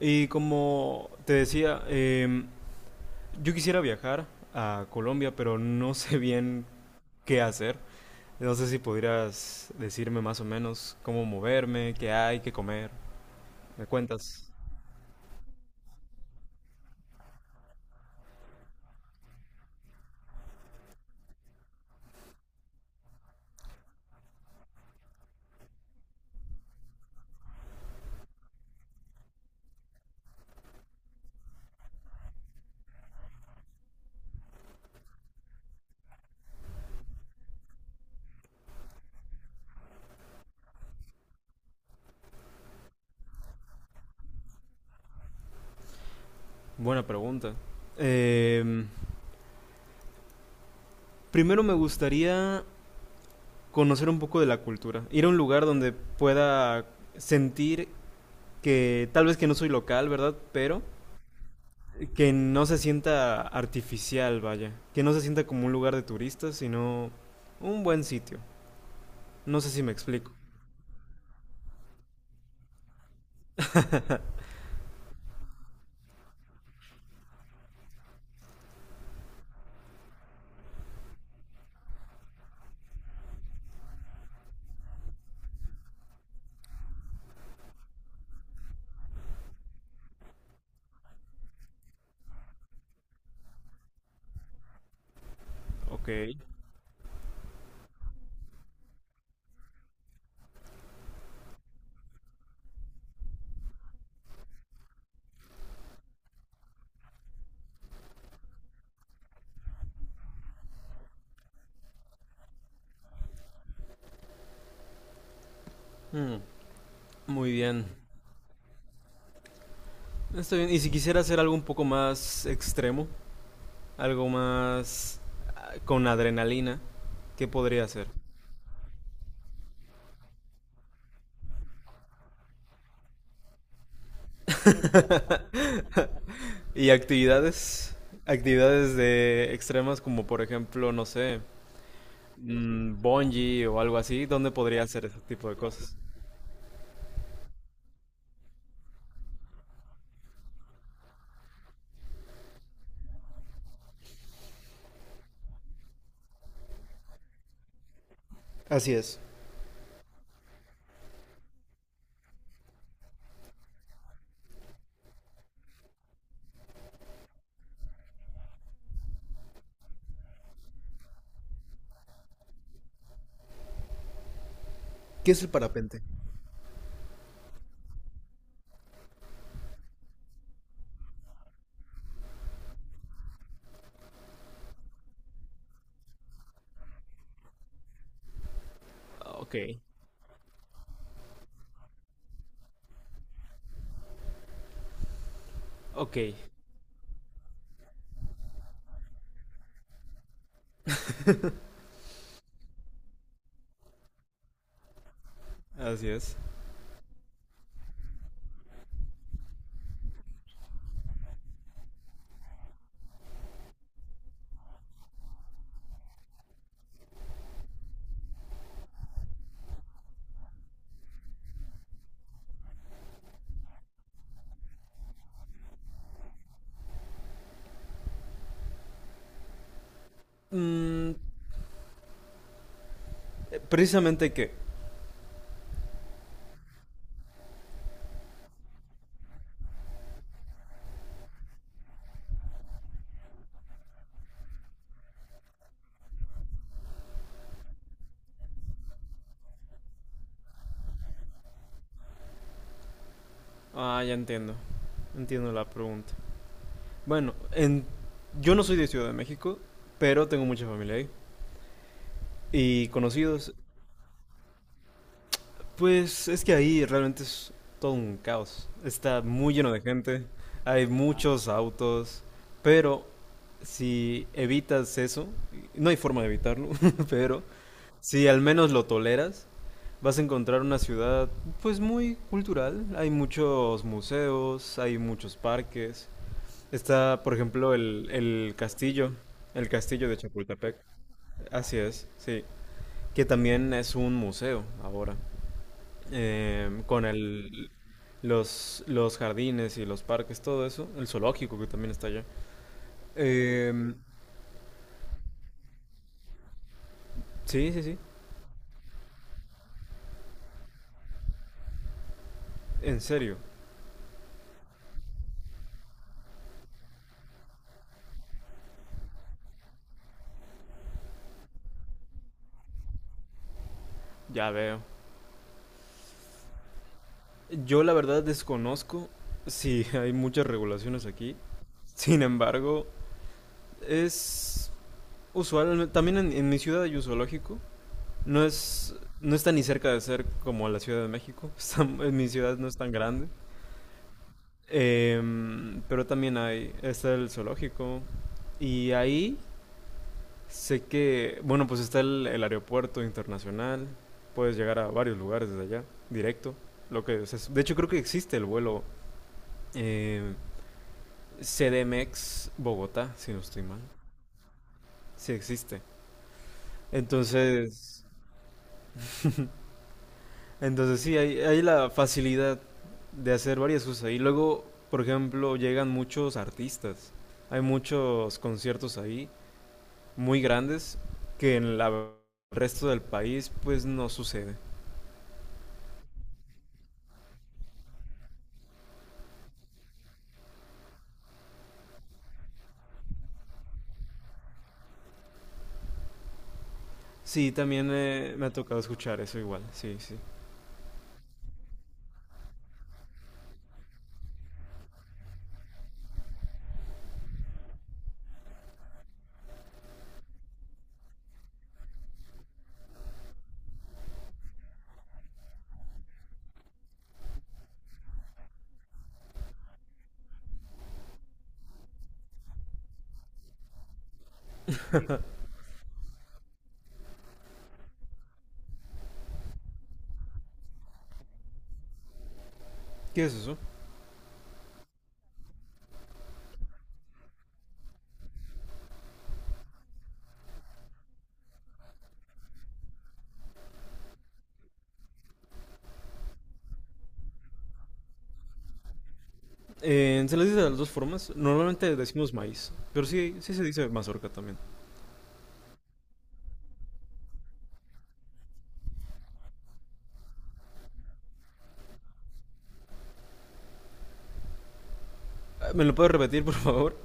Y como te decía, yo quisiera viajar a Colombia, pero no sé bien qué hacer. No sé si podrías decirme más o menos cómo moverme, qué hay, qué comer. ¿Me cuentas? Buena pregunta. Eh, Primero me gustaría conocer un poco de la cultura, ir a un lugar donde pueda sentir que tal vez que no soy local, ¿verdad? Pero que no se sienta artificial, vaya. Que no se sienta como un lugar de turistas, sino un buen sitio. No sé si me explico. Ok. Mm, muy bien. Está bien. ¿Y si quisiera hacer algo un poco más extremo, algo más ah, con adrenalina, qué podría hacer? Y actividades, actividades de extremas como por ejemplo, no sé, mm, ¿bungee o algo así, dónde podría hacer ese tipo de cosas? Así es. ¿Qué es el parapente? Ok. Ok, así es. Mm, precisamente qué. Ah, ya entiendo. Entiendo la pregunta. Bueno, en... yo no soy de Ciudad de México, pero tengo mucha familia ahí. Y conocidos. Pues es que ahí realmente es todo un caos. Está muy lleno de gente. Hay muchos autos. Pero si evitas eso, no hay forma de evitarlo, pero si al menos lo toleras, vas a encontrar una ciudad pues muy cultural. Hay muchos museos, hay muchos parques. Está, por ejemplo, el castillo, el castillo de Chapultepec. Así es, sí. Que también es un museo ahora. Con el, los jardines y los parques, todo eso. El zoológico que también está allá. Em, sí, sí, sí. En serio. Ya veo. Yo la verdad desconozco si hay muchas regulaciones aquí. Sin embargo, es usual. También en mi ciudad hay un zoológico. No es, no está ni cerca de ser como la Ciudad de México. Está- en mi ciudad no es tan grande. Em, pero también hay, está el zoológico. Y ahí sé que, bueno, pues está el aeropuerto internacional. Puedes llegar a varios lugares desde allá, directo. Lo que, o sea, de hecho creo que existe el vuelo eh, CDMX Bogotá, si no estoy mal. Sí existe. Entonces, entonces sí, hay la facilidad de hacer varias cosas. Y luego, por ejemplo, llegan muchos artistas. Hay muchos conciertos ahí, muy grandes, que en la- el resto del país pues no sucede. Sí, también me ha tocado escuchar eso igual, sí, sí. ¿Qué es eso? Se les dice de las dos formas. Normalmente decimos maíz, pero sí, sí se dice mazorca también. Ah, ¿me lo puedes repetir, por favor?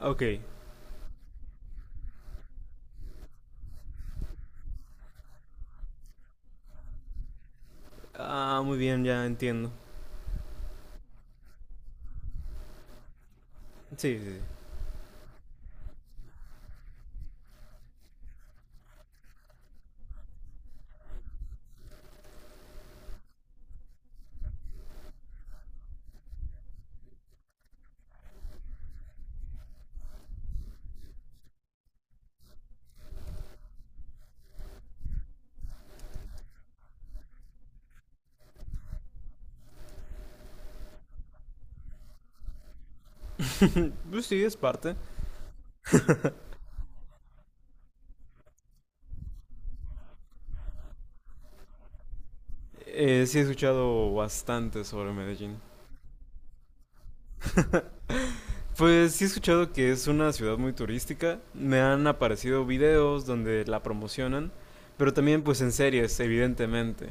Ok. Ah, muy bien, ya entiendo. Sí, sí. Sí. Pues sí, es parte. Sí he escuchado bastante sobre Medellín. Pues sí he escuchado que es una ciudad muy turística. Me han aparecido videos donde la promocionan, pero también pues en series, evidentemente.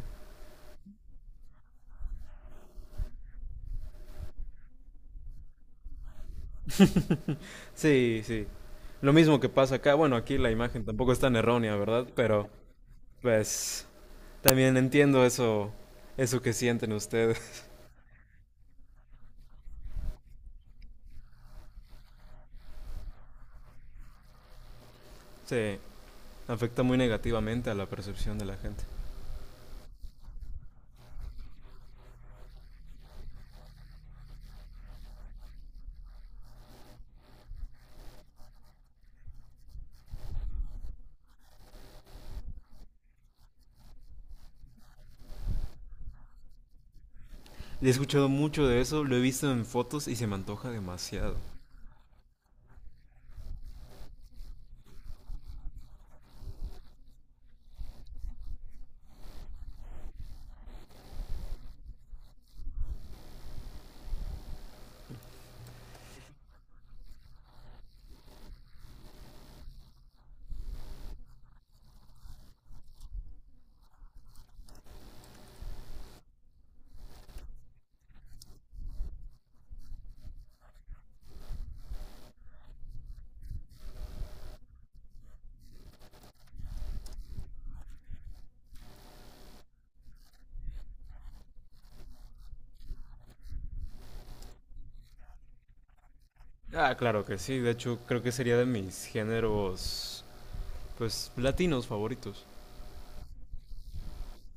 Sí, sí. Lo mismo que pasa acá. Bueno, aquí la imagen tampoco es tan errónea, ¿verdad? Pero pues también entiendo eso, eso que sienten ustedes. Sí, afecta muy negativamente a la percepción de la gente. He escuchado mucho de eso, lo he visto en fotos y se me antoja demasiado. Ah, claro que sí, de hecho creo que sería de mis géneros, pues, latinos favoritos.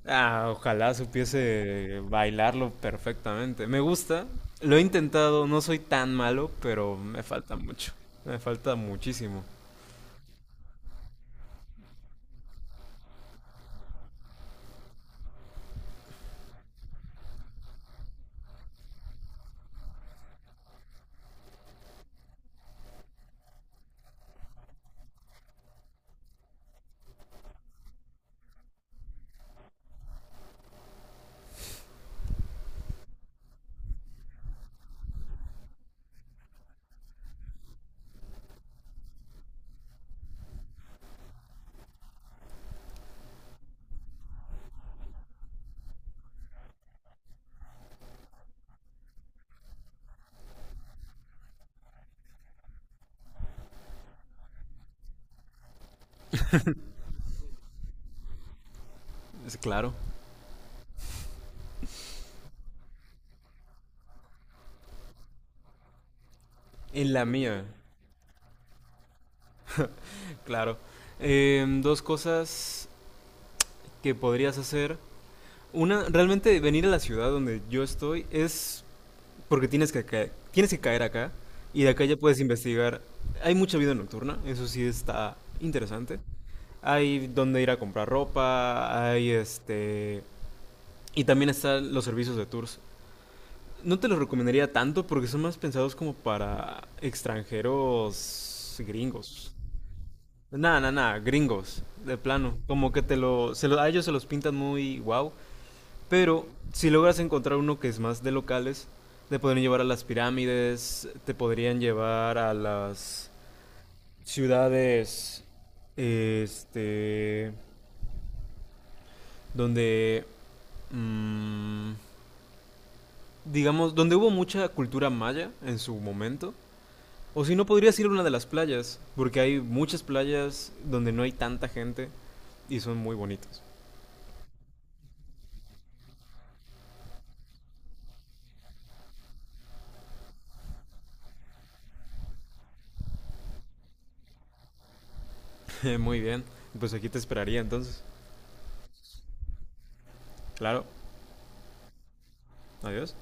Ah, ojalá supiese bailarlo perfectamente. Me gusta, lo he intentado, no soy tan malo, pero me falta mucho. Me falta muchísimo. Es claro. En la mía, claro. Em, dos cosas que podrías hacer. Una, realmente venir a la ciudad donde yo estoy es porque tienes que caer acá y de acá ya puedes investigar. Hay mucha vida nocturna, eso sí está interesante. Hay donde ir a comprar ropa, hay este... Y también están los servicios de tours. No te los recomendaría tanto porque son más pensados como para extranjeros gringos. Nada, nada, nada, gringos, de plano. Como que te lo, se lo- a ellos se los pintan muy wow, pero si logras encontrar uno que es más de locales, te podrían llevar a las pirámides, te podrían llevar a las ciudades, este, donde, mm, digamos, donde hubo mucha cultura maya en su momento. O si no, podrías ir a una de las playas, porque hay muchas playas donde no hay tanta gente y son muy bonitas. Muy bien, pues aquí te esperaría entonces. Claro, adiós.